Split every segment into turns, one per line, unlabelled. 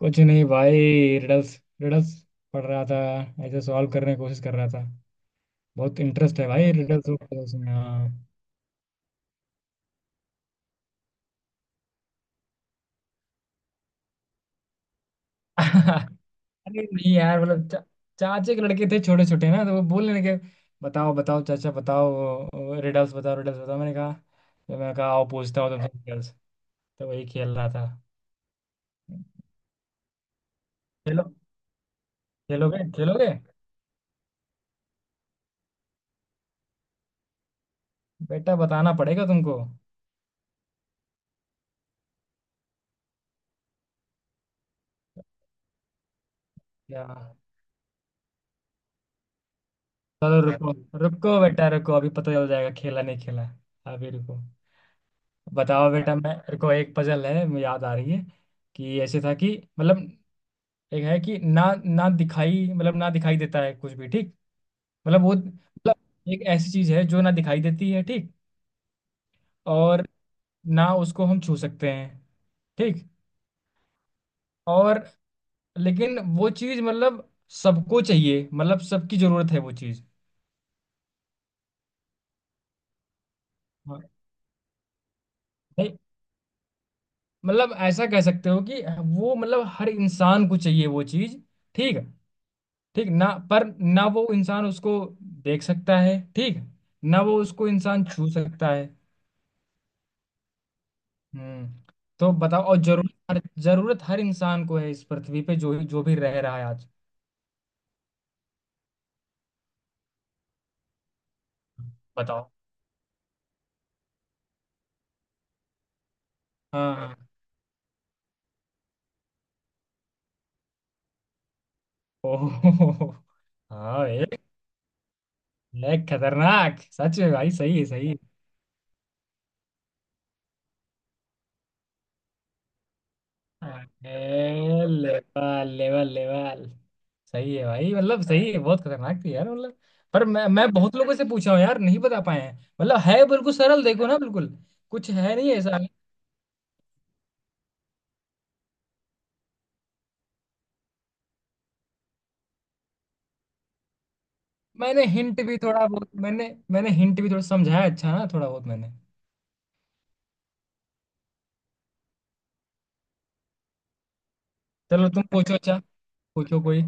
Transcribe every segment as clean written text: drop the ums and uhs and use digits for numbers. कुछ नहीं भाई। रिडल्स। रिडल्स पढ़ रहा था, ऐसे सॉल्व करने की कोशिश कर रहा था। बहुत इंटरेस्ट है भाई रिडल्स और puzzles में। हाँ। अरे नहीं यार, मतलब चाचे के लड़के थे छोटे छोटे ना, तो वो बोलने लगे बताओ बताओ चाचा, बताओ रिडल्स, बताओ रिडल्स बताओ। मैंने कहा, तो मैंने कहा आओ पूछता हूँ तुमसे रिडल्स। तो वही खेल रहा था। खेलो, खेलोगे खेलोगे? बेटा बताना पड़ेगा तुमको। क्या, चलो रुको। रुको बेटा रुको, अभी पता चल जाएगा खेला नहीं खेला। अभी रुको। बताओ बेटा, मैं मेरे को एक पजल है, मुझे याद आ रही है। कि ऐसे था कि, मतलब, एक है कि ना, ना दिखाई मतलब ना दिखाई देता है कुछ भी, ठीक। मतलब वो, मतलब, एक ऐसी चीज है जो ना दिखाई देती है, ठीक। और ना उसको हम छू सकते हैं, ठीक। और, लेकिन वो चीज मतलब सबको चाहिए, मतलब सबकी जरूरत है वो चीज। हाँ, नहीं, मतलब ऐसा कह सकते हो कि वो, मतलब, हर इंसान को चाहिए वो चीज। ठीक है ठीक ना, पर ना वो इंसान उसको देख सकता है, ठीक। ना वो उसको इंसान छू सकता है। तो बताओ, और जरूरत हर इंसान को है इस पृथ्वी पे, जो जो भी रह रहा है आज। बताओ। हाँ हाँ। ओहो। हाँ ये खतरनाक सच में भाई, सही है सही है। Level level level. सही है भाई, मतलब सही है, बहुत खतरनाक थी यार मतलब। पर मैं बहुत लोगों से पूछा हूँ यार, नहीं बता पाए हैं। मतलब है बिल्कुल सरल, देखो ना, बिल्कुल कुछ है नहीं ऐसा। मैंने हिंट भी थोड़ा बहुत, मैंने मैंने हिंट भी थोड़ा समझाया अच्छा ना, थोड़ा बहुत मैंने। चलो तुम पूछो अच्छा। पूछो कोई,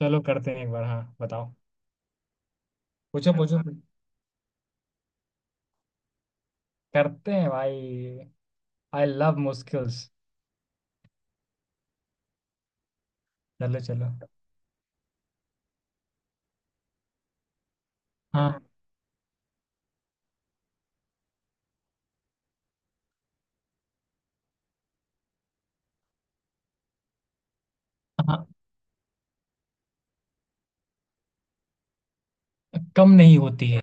चलो करते हैं एक बार। हाँ बताओ, पूछो पूछो, करते हैं भाई, आई लव मुश्किल्स। चलो चलो। हाँ। हाँ, कम नहीं होती है।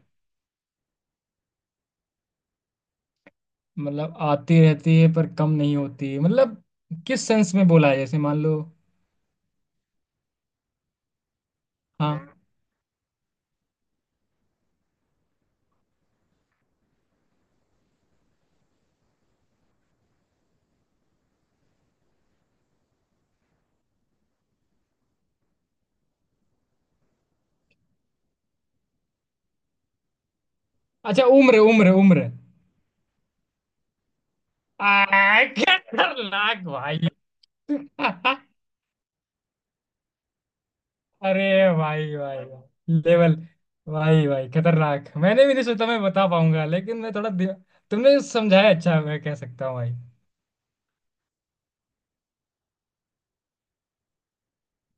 मतलब आती रहती है पर कम नहीं होती, मतलब किस सेंस में बोला है? जैसे मान लो। हाँ। अच्छा, उम्र उम्र उम्र! क्या खतरनाक भाई! अरे भाई भाई भाई, लेवल! भाई भाई खतरनाक, मैंने भी नहीं सोचा मैं बता पाऊंगा, लेकिन मैं थोड़ा तुमने समझाया अच्छा, मैं कह सकता हूँ भाई।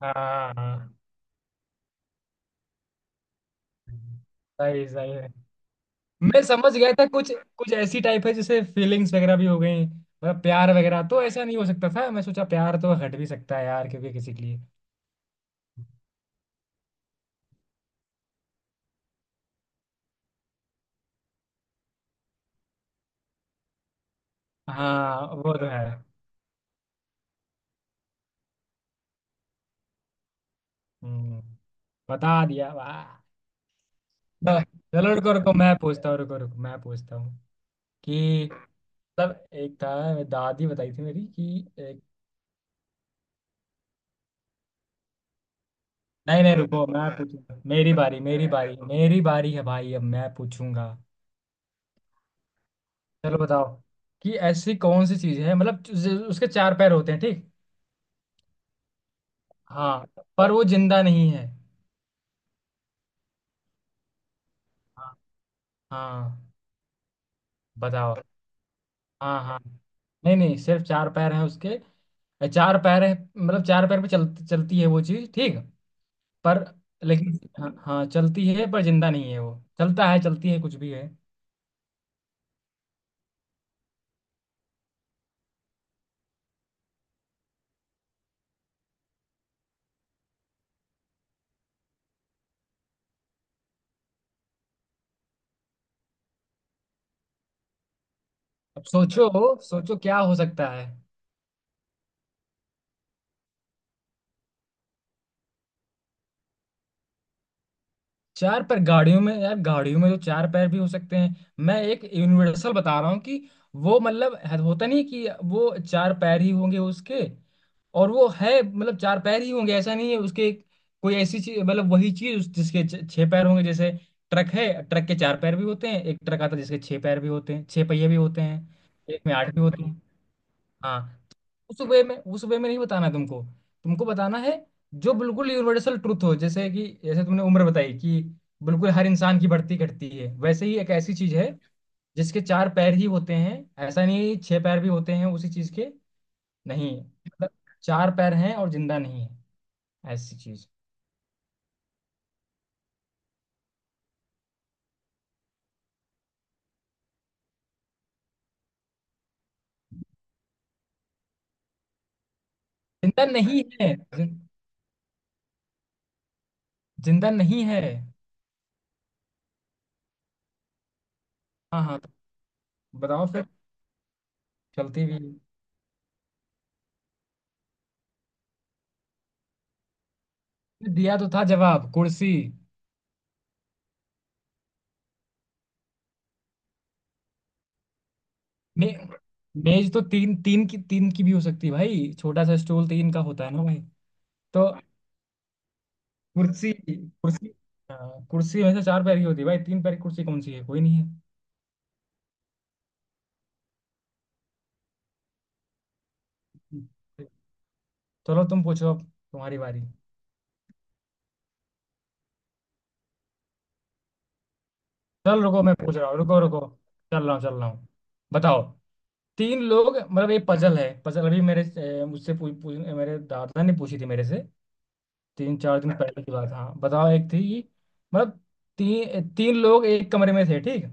हाँ। हाँ। सही, सही है। मैं समझ गया था कुछ, कुछ ऐसी टाइप है, जैसे फीलिंग्स वगैरह भी हो गई। मतलब प्यार वगैरह तो ऐसा नहीं हो सकता था, मैं सोचा प्यार तो हट भी सकता है यार क्योंकि किसी के लिए। हाँ वो तो है। हम्म, बता दिया, वाह! हाँ, चलो रुको रुको मैं पूछता हूँ, रुको रुको मैं पूछता हूँ। कि मतलब एक था, दादी बताई थी मेरी कि एक, नहीं नहीं रुको, मैं पूछूंगा, मेरी बारी मेरी बारी, मेरी बारी है भाई, अब मैं पूछूंगा। चलो बताओ। कि ऐसी कौन सी चीज है मतलब, उसके चार पैर होते हैं, ठीक। हाँ पर वो जिंदा नहीं है। हाँ। हाँ, बताओ। हाँ हाँ, नहीं नहीं, सिर्फ चार पैर हैं उसके। चार पैर हैं, मतलब चार पैर पे चलती है वो चीज, ठीक। पर, लेकिन हाँ हाँ चलती है, पर जिंदा नहीं है वो। चलता है चलती है कुछ भी है। अब सोचो, सोचो क्या हो सकता है। चार पैर गाड़ियों में यार, गाड़ियों में जो चार पैर भी हो सकते हैं। मैं एक यूनिवर्सल बता रहा हूँ कि वो मतलब होता नहीं कि वो चार पैर ही होंगे उसके। और वो है मतलब चार पैर ही होंगे ऐसा नहीं है उसके। कोई ऐसी चीज, मतलब वही चीज जिसके छह पैर होंगे, जैसे ट्रक है, ट्रक के चार पैर भी होते हैं, एक ट्रक आता है जिसके छह पैर भी होते हैं, छह पहिए भी होते हैं, एक में आठ भी होते हैं। हाँ, उस वे में, उस वे में नहीं बताना तुमको। तुमको बताना है जो बिल्कुल यूनिवर्सल ट्रुथ हो, जैसे कि जैसे तुमने उम्र बताई कि बिल्कुल हर इंसान की बढ़ती घटती है, वैसे ही एक ऐसी चीज है जिसके चार पैर ही होते हैं। ऐसा नहीं है कि छह पैर भी होते हैं उसी चीज के, नहीं। मतलब चार पैर हैं और जिंदा नहीं है, ऐसी चीज। जिंदा नहीं है, जिंदा नहीं है। हाँ हाँ तो बताओ फिर, चलती भी है। दिया तो था जवाब, कुर्सी। मे, मेज तो तीन तीन की, तीन की भी हो सकती है भाई, छोटा सा स्टूल तीन का होता है ना भाई। तो कुर्सी कुर्सी, हाँ, कुर्सी वैसे चार पैर की होती है भाई, तीन पैर की कुर्सी कौन सी है? कोई नहीं है। चलो तुम पूछो, अब तुम्हारी बारी। चल रुको मैं पूछ रहा हूँ, रुको रुको। चल रहा हूँ चल रहा हूँ। बताओ, तीन लोग, मतलब ये पजल है, पजल अभी मेरे, मुझसे पूछ, मेरे दादा ने पूछी थी मेरे से, तीन चार दिन पहले की बात। हाँ बताओ, एक थी मतलब, तीन तीन लोग एक कमरे में थे, ठीक।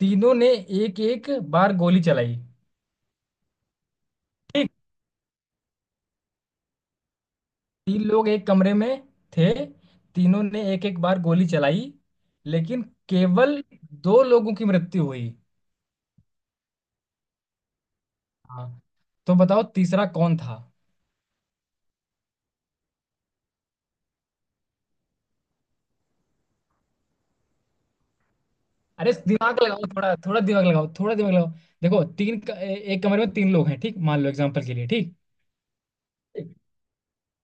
तीनों ने एक एक बार गोली चलाई। ठीक, तीन लोग एक कमरे में थे, तीनों ने एक एक बार गोली चलाई, लेकिन केवल दो लोगों की मृत्यु हुई। हाँ तो बताओ तीसरा कौन था? अरे दिमाग लगाओ थोड़ा, थोड़ा दिमाग लगाओ, थोड़ा दिमाग लगाओ। देखो, तीन एक कमरे में तीन लोग हैं, ठीक, मान लो एग्जांपल के लिए, ठीक।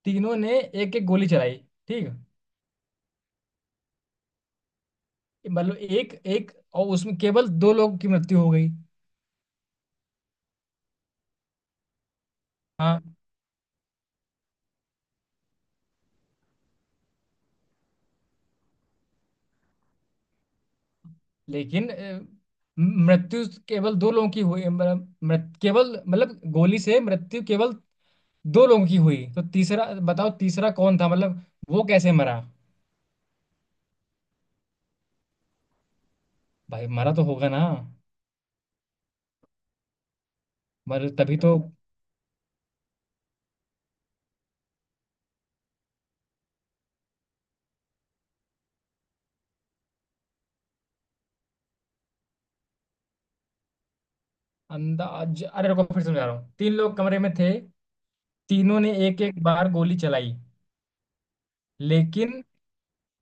तीनों ने एक एक गोली चलाई, ठीक, मतलब एक एक। और उसमें केवल दो लोगों की मृत्यु हो गई। हाँ लेकिन मृत्यु केवल दो लोगों की हुई, मतलब केवल मतलब गोली से मृत्यु केवल दो लोगों की हुई। तो तीसरा, बताओ तीसरा कौन था, मतलब वो कैसे मरा? भाई मरा तो होगा ना, मर तभी तो। अंदाज, अरे रुको फिर समझा रहा हूँ, तीन लोग कमरे में थे, तीनों ने एक एक बार गोली चलाई, लेकिन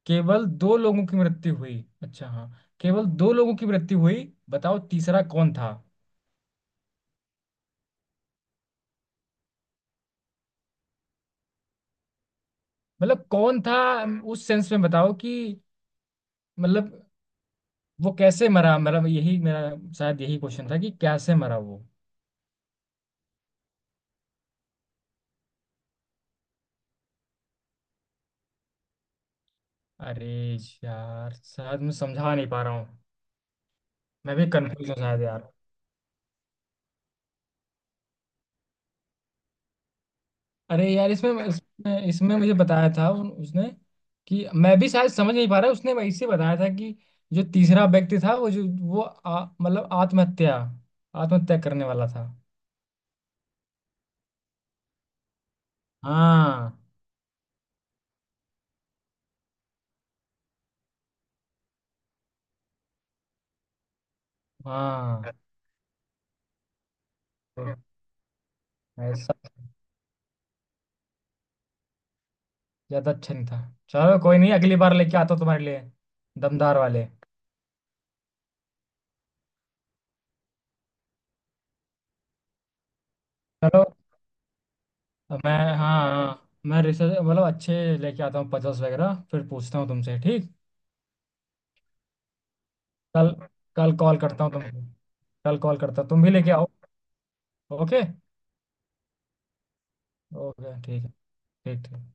केवल दो लोगों की मृत्यु हुई। अच्छा हाँ, केवल दो लोगों की मृत्यु हुई, बताओ तीसरा कौन था, मतलब कौन था। उस सेंस में बताओ कि मतलब वो कैसे मरा, मतलब यही मेरा, शायद यही क्वेश्चन था कि कैसे मरा वो। अरे यार, शायद मैं समझा नहीं पा रहा हूँ, मैं भी कंफ्यूज हूँ शायद यार। अरे यार इसमें इसमें मुझे बताया था उसने कि, मैं भी शायद समझ नहीं पा रहा, उसने वैसे बताया था कि जो तीसरा व्यक्ति था वो जो वो मतलब आत्महत्या, आत्महत्या करने वाला था। हाँ। हाँ तो ऐसा ज्यादा अच्छा नहीं था। चलो कोई नहीं, अगली बार लेके आता हूँ तुम्हारे लिए दमदार वाले। चलो, मैं हाँ हाँ, मैं रिसर्च, मतलब अच्छे लेके आता हूँ पजल्स वगैरह, फिर पूछता हूँ तुमसे, ठीक। कल, कल कॉल करता हूँ तुमको, कल कॉल करता हूँ, तुम भी लेके आओ। ओके। ओके ठीक है, ठीक ठीक।